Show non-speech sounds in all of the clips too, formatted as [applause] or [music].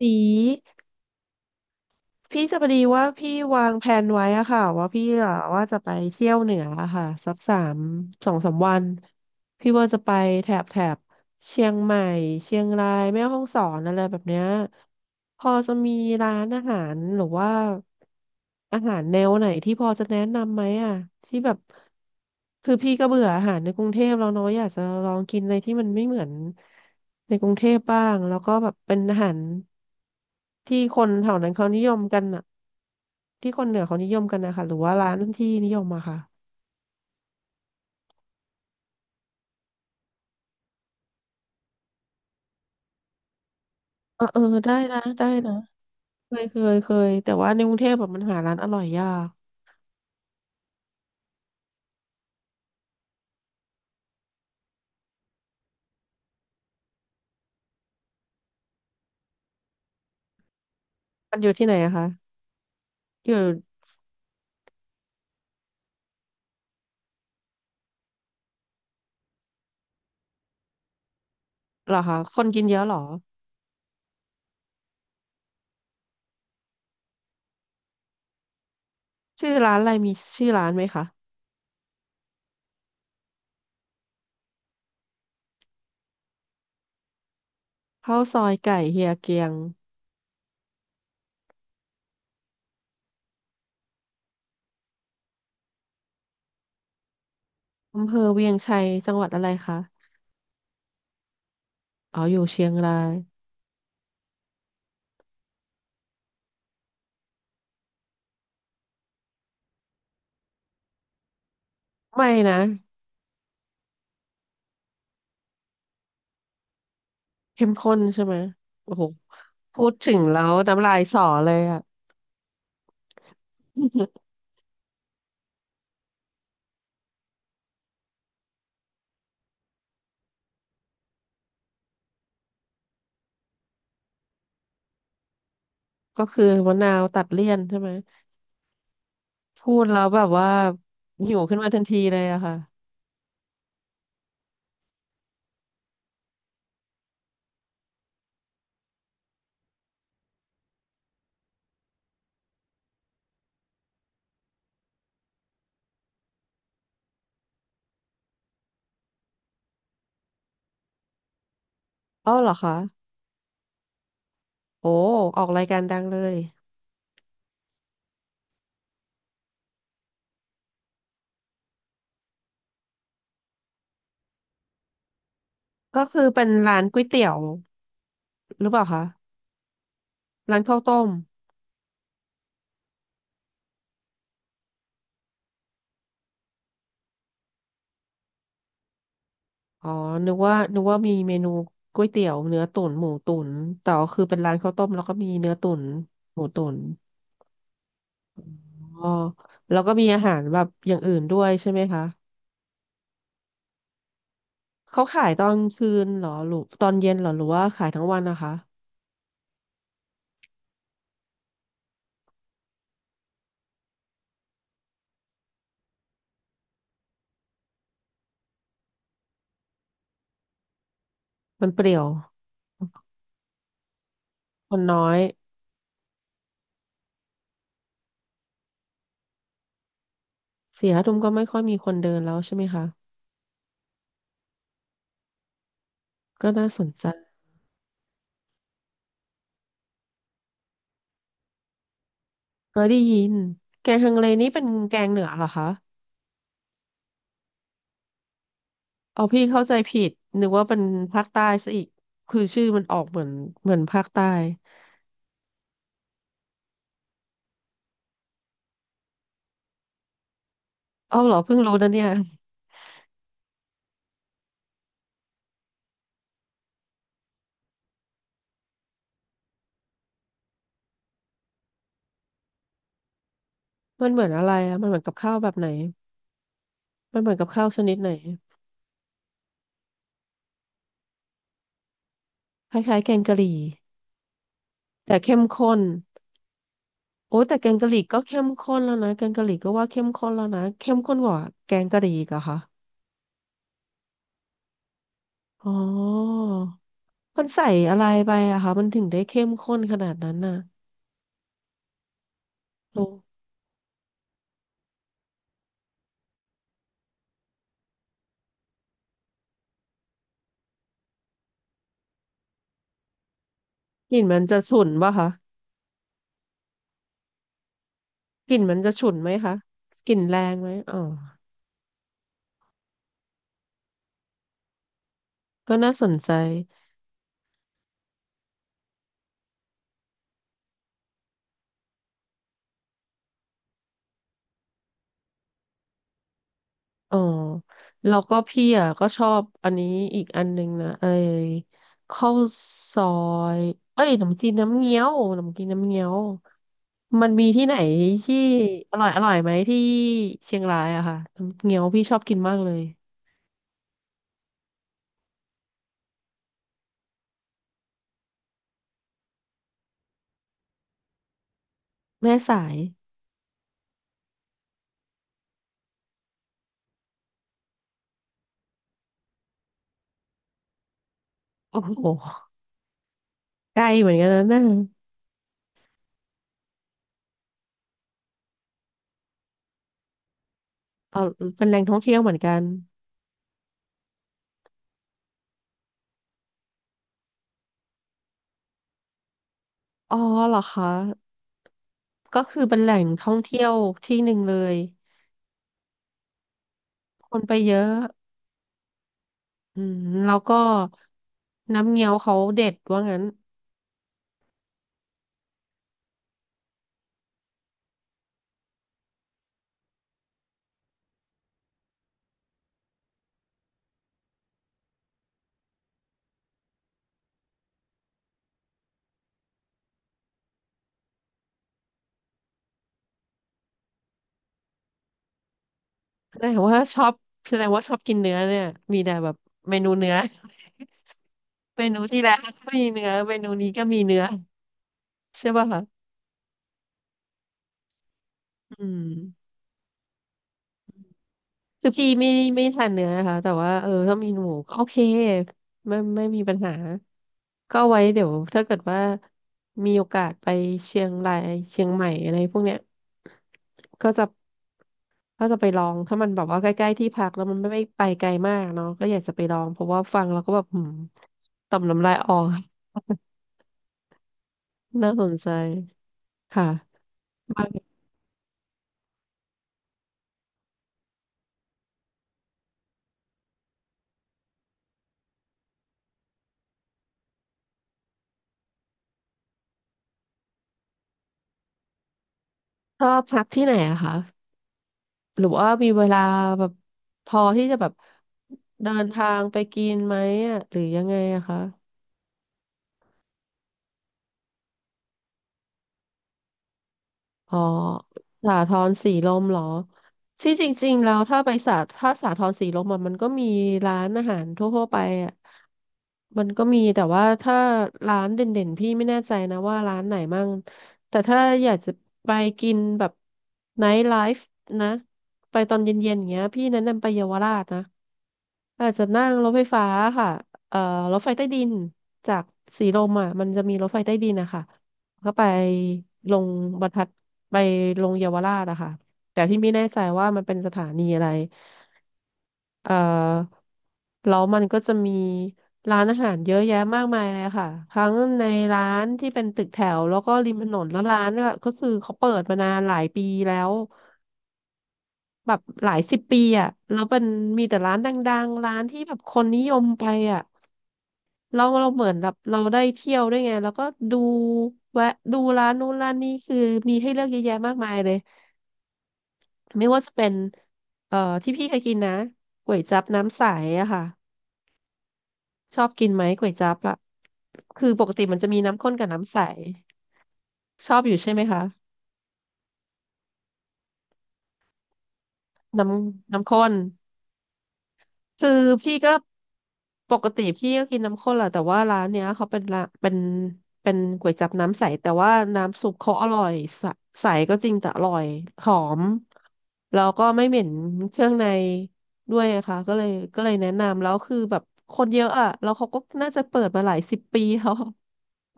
สีพี่จะพอดีว่าพี่วางแผนไว้อะค่ะว่าพี่อะว่าจะไปเที่ยวเหนืออะค่ะสักสามสองสามวันพี่ว่าจะไปแถบ เชียงใหม่เชียงรายแม่ฮ่องสอนอะไรแบบเนี้ยพอจะมีร้านอาหารหรือว่าอาหารแนวไหนที่พอจะแนะนำไหมอ่ะที่แบบคือพี่ก็เบื่ออาหารในกรุงเทพแล้วเนาะอยากจะลองกินอะไรที่มันไม่เหมือนในกรุงเทพบ้างแล้วก็แบบเป็นอาหารที่คนแถวนั้นเขานิยมกันอ่ะที่คนเหนือเขานิยมกันนะคะหรือว่าร้านที่นิยมอะค่ะเออเออได้นะได้นะ เคยแต่ว่าในกรุงเทพแบบมันหาร้านอร่อยยากมันอยู่ที่ไหนอะคะอยู่เหรอคะคนกินเยอะเหรอชื่อร้านอะไรมีชื่อร้านไหมคะข้าวซอยไก่เฮียเกียงอำเภอเวียงชัยจังหวัดอะไรคะอ๋ออยู่เชียงรายไม่นะเข้มข้นใช่ไหมโอ้โหพูดถึงแล้วน้ำลายสอเลยอะ [laughs] ก็คือมะนาวตัดเลี่ยนใช่ไหมพูดแล้วแบบว่าหิวขึ้นมาทันทีเลยอะค่ะเอ้าเหรอคะโอ้ออกรายการดังเลย ก็คือเป็นร้านก๋วยเตี๋ยวหรือเปล่าคะร้านข้าวต้มอ๋อนึกว่ามีเมนูก๋วยเตี๋ยวเนื้อตุ๋นหมูตุ๋นแต่ก็คือเป็นร้านข้าวต้มแล้วก็มีเนื้อตุ๋นหมูตุ๋นอ๋อแล้วก็มีอาหารแบบอย่างอื่นด้วยใช่ไหมคะเขาขายตอนคืนเหรอหรือตอนเย็นเหรอหรือว่าขายทั้งวันนะคะมันเปรี่ยวคนน้อยสี่ห้าทุ่มก็ไม่ค่อยมีคนเดินแล้วใช่ไหมคะก็น่าสนใจเคยได้ยินแกงฮังเลนี่เป็นแกงเหนือเหรอคะ เอาพี่เข้าใจผิดนึกว่าเป็นภาคใต้ซะอีกคือชื่อมันออกเหมือนเหมือนภาคใต้เอาเหรอเพิ่งรู้นะเนี่ย [laughs] มันเหมือนอะไรอ่ะมันเหมือนกับข้าวแบบไหนมันเหมือนกับข้าวชนิดไหนคล้ายๆแกงกะหรี่แต่เข้มข้นโอ้แต่แกงกะหรี่ก็เข้มข้นแล้วนะแกงกะหรี่ก็ว่าเข้มข้นแล้วนะเข้มข้นกว่าแกงกะหรี่อีกเหรอคะอ๋อมันใส่อะไรไปอะคะมันถึงได้เข้มข้นขนาดนั้นน่ะโอ้กลิ่นมันจะฉุนป่ะคะกลิ่นมันจะฉุนไหมคะกลิ่นแรงไหมอ๋อ ก็น่าสนใจอ๋อแล้วก็พี่อ่ะก็ชอบอันนี้อีกอันนึงนะไอ้ข้าวซอยเอ้ยขนมจีนน้ำเงี้ยวขนมจีนน้ำเงี้ยวมันมีที่ไหนที่อร่อยไหมที่เชียงรายอะค่ะน้ำเงี้ยวพี่ชอบกินมากเลยแม่สายโอ้โหใกล้เหมือนกันนะเน่ยเอาเป็นแหล่งท่องเที่ยวเหมือนกัน อ๋อเหรอคะ ก็คือเป็นแหล่งท่องเที่ยวที่หนึ่งเลย คนไปเยอะ อืมแล้วก็น้ำเงี้ยวเขาเด็ดว่างั้นแสดงว่าชอบแสดงว่าชอบกินเนื้อเนี่ยมีแต่แบบเมนูเนื้อ [laughs] เมนูที่แล้วก็มีเนื้อเมนูนี้ก็มีเนื้อใช่ป่ะคะอืมคือพี่ไม่ทานเนื้อนะคะแต่ว่าเออถ้ามีหมูก็โอเคไม่มีปัญหา ก็ไว้เดี๋ยวถ้าเกิดว่ามีโอกาสไปเชียงรายเชียงใหม่อะไรพวกเนี้ยก็จะก็จะไปลองถ้ามันแบบว่าใกล้ๆที่พักแล้วมันไม่ไปไกลมากเนาะก็อยากจะไปลองเพราะว่าฟังแล้วก็แบบหืมต่อมน้ำลายออก [laughs] น่าสนใจค่ะมาชอบพักที่ไหนอะคะหรือว่ามีเวลาแบบพอที่จะแบบเดินทางไปกินไหมอะหรือยังไงอะคะ อ๋อ สาทรสีลมเหรอที่จริงๆแล้วถ้าไปสาถ้าสาทรสีลมอะมันก็มีร้านอาหารทั่วๆไปอ่ะมันก็มีแต่ว่าถ้าร้านเด่นๆพี่ไม่แน่ใจนะว่าร้านไหนมั่งแต่ถ้าอยากจะไปกินแบบไนท์ไลฟ์นะ ไปตอนเย็นๆอย่างเงี้ยพี่แนะนำไปเยาวราชนะ อาจจะนั่งรถไฟฟ้าค่ะเอ่อรถไฟใต้ดินจากสีลมอ่ะมันจะมีรถไฟใต้ดินนะคะก็ไปลงบรรทัดไปลงเยาวราชอะค่ะแต่ที่ไม่แน่ใจว่ามันเป็นสถานีอะไรเอ่อแล้วมันก็จะมีร้านอาหารเยอะแยะมากมายเลยค่ะทั้งในร้านที่เป็นตึกแถว แล้วก็ริมถนนแล้วร้านก็ก็คือเขาเปิดมานานหลายปีแล้วแบบหลายสิบปีอ่ะแล้วมันมีแต่ร้านดังๆร้านที่แบบคนนิยมไปอ่ะ เราเหมือนแบบเราได้เที่ยวด้วยไงแล้วก็ดูแวะดูร้านนู้นร้านนี้คือมีให้เลือกเยอะแยะมากมายเลยไม่ว่าจะเป็นเอ่อที่พี่เคยกินนะก๋วยจั๊บน้ำใสอะค่ะชอบกินไหมก๋วยจั๊บอะคือปกติมันจะมีน้ำข้นกับน้ำใสชอบอยู่ใช่ไหมคะน้น้ำข้น คือพี่ก็ปกติพี่ก็กินน้ำข้นแหละแต่ว่าร้านเนี้ยเขาเป็นละเป็นก๋วยจั๊บน้ำใสแต่ว่าน้ำซุปเขาอร่อยใสใสก็จริงแต่อร่อยหอมแล้วก็ไม่เหม็นเครื่องในด้วยอะค่ะก็เลยแนะนำแล้วคือแบบคนเยอะอะแล้วเขาก็น่าจะเปิดมาหลายสิบปีแล้ว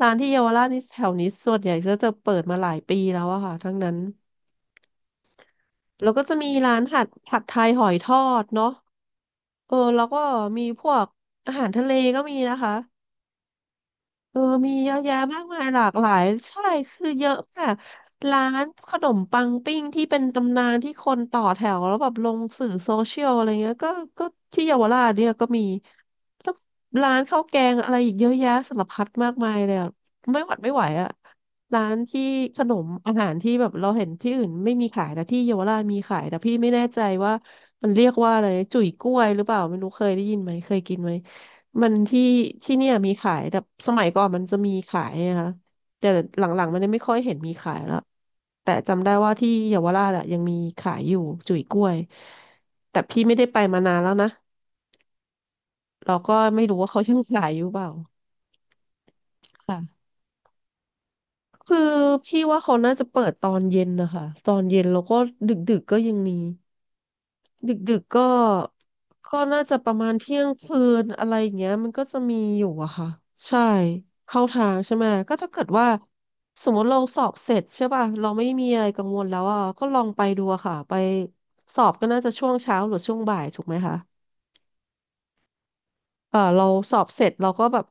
ร้านที่เยาวราชนี่แถวนี้ส่วนใหญ่ก็จะเปิดมาหลายปีแล้วอะค่ะทั้งนั้น แล้วก็จะมีร้านผัดไทยหอยทอดเนาะเออแล้วก็มีพวกอาหารทะเลก็มีนะคะ เออมีเยอะแยะมากมายหลากหลาย ใช่คือเยอะมากร้านขนมปังปิ้งที่เป็นตำนานที่คนต่อแถวแล้วแบบลงสื่อโซเชียลอะไรเงี้ยก็ก็ที่เยาวราชเนี่ยก็มีแล้วร้านข้าวแกงอะไรอีกเยอะแยะสารพัดมากมายเลยอะไม่หวัดไม่ไหวอะร้านที่ขนมอาหารที่แบบเราเห็นที่อื่นไม่มีขายแต่ที่เยาวราชมีขายแต่พี่ไม่แน่ใจว่ามันเรียกว่าอะไรจุ๋ยกล้วยหรือเปล่าไม่รู้เคยได้ยินไหมเคยกินไหม มันที่เนี่ยมีขายแต่สมัยก่อนมันจะมีขายนะคะแต่หลังๆมันไม่ค่อยเห็นมีขายแล้วแต่จำได้ว่าที่เยาวราชอะยังมีขายอยู่จุ๋ยกล้วยแต่พี่ไม่ได้ไปมานานแล้วนะเราก็ไม่รู้ว่าเขายังขายอยู่เปล่าค่ะคือพี่ว่าเขาน่าจะเปิดตอนเย็นนะคะตอนเย็นแล้วก็ดึกๆก็ยังมี ดึกๆก็น่าจะประมาณเที่ยงคืนอะไรอย่างเงี้ยมันก็จะมีอยู่อะค่ะใช่เข้าทางใช่ไหมก็ถ้าเกิดว่าสมมติเราสอบเสร็จใช่ป่ะเราไม่มีอะไรกังวลแล้วอ่ะก็ลองไปดูอะค่ะไปสอบก็น่าจะช่วงเช้าหรือช่วงบ่ายถูกไหมคะ เออเราสอบเสร็จเราก็แบบ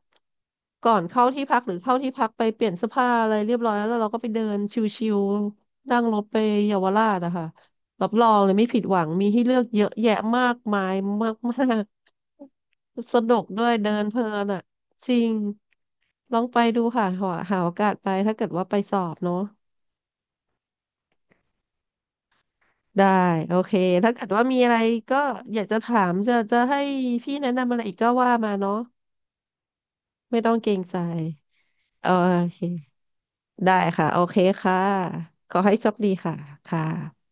ก่อนเข้าที่พักหรือเข้าที่พักไปเปลี่ยนเสื้อผ้าอะไรเรียบร้อยแล้วแล้วเราก็ไปเดินชิวๆนั่งรถไปเยาวราชนะคะรับรองเลยไม่ผิดหวังมีให้เลือกเยอะแยะมากมายมากๆ [laughs] สนุกด้วยเดินเพลินอ่ะจริงลองไปดูค่ะหาหาโอกาสไปถ้าเกิดว่าไปสอบเนาะได้โอเคถ้าเกิดว่ามีอะไรก็อยากจะถามจะจะให้พี่แนะนำอะไรอีกก็ว่ามาเนาะไม่ต้องเกรงใจเออโอเค ได้ค่ะโอเคค่ะขอให้โชคดีค่ะค่ะ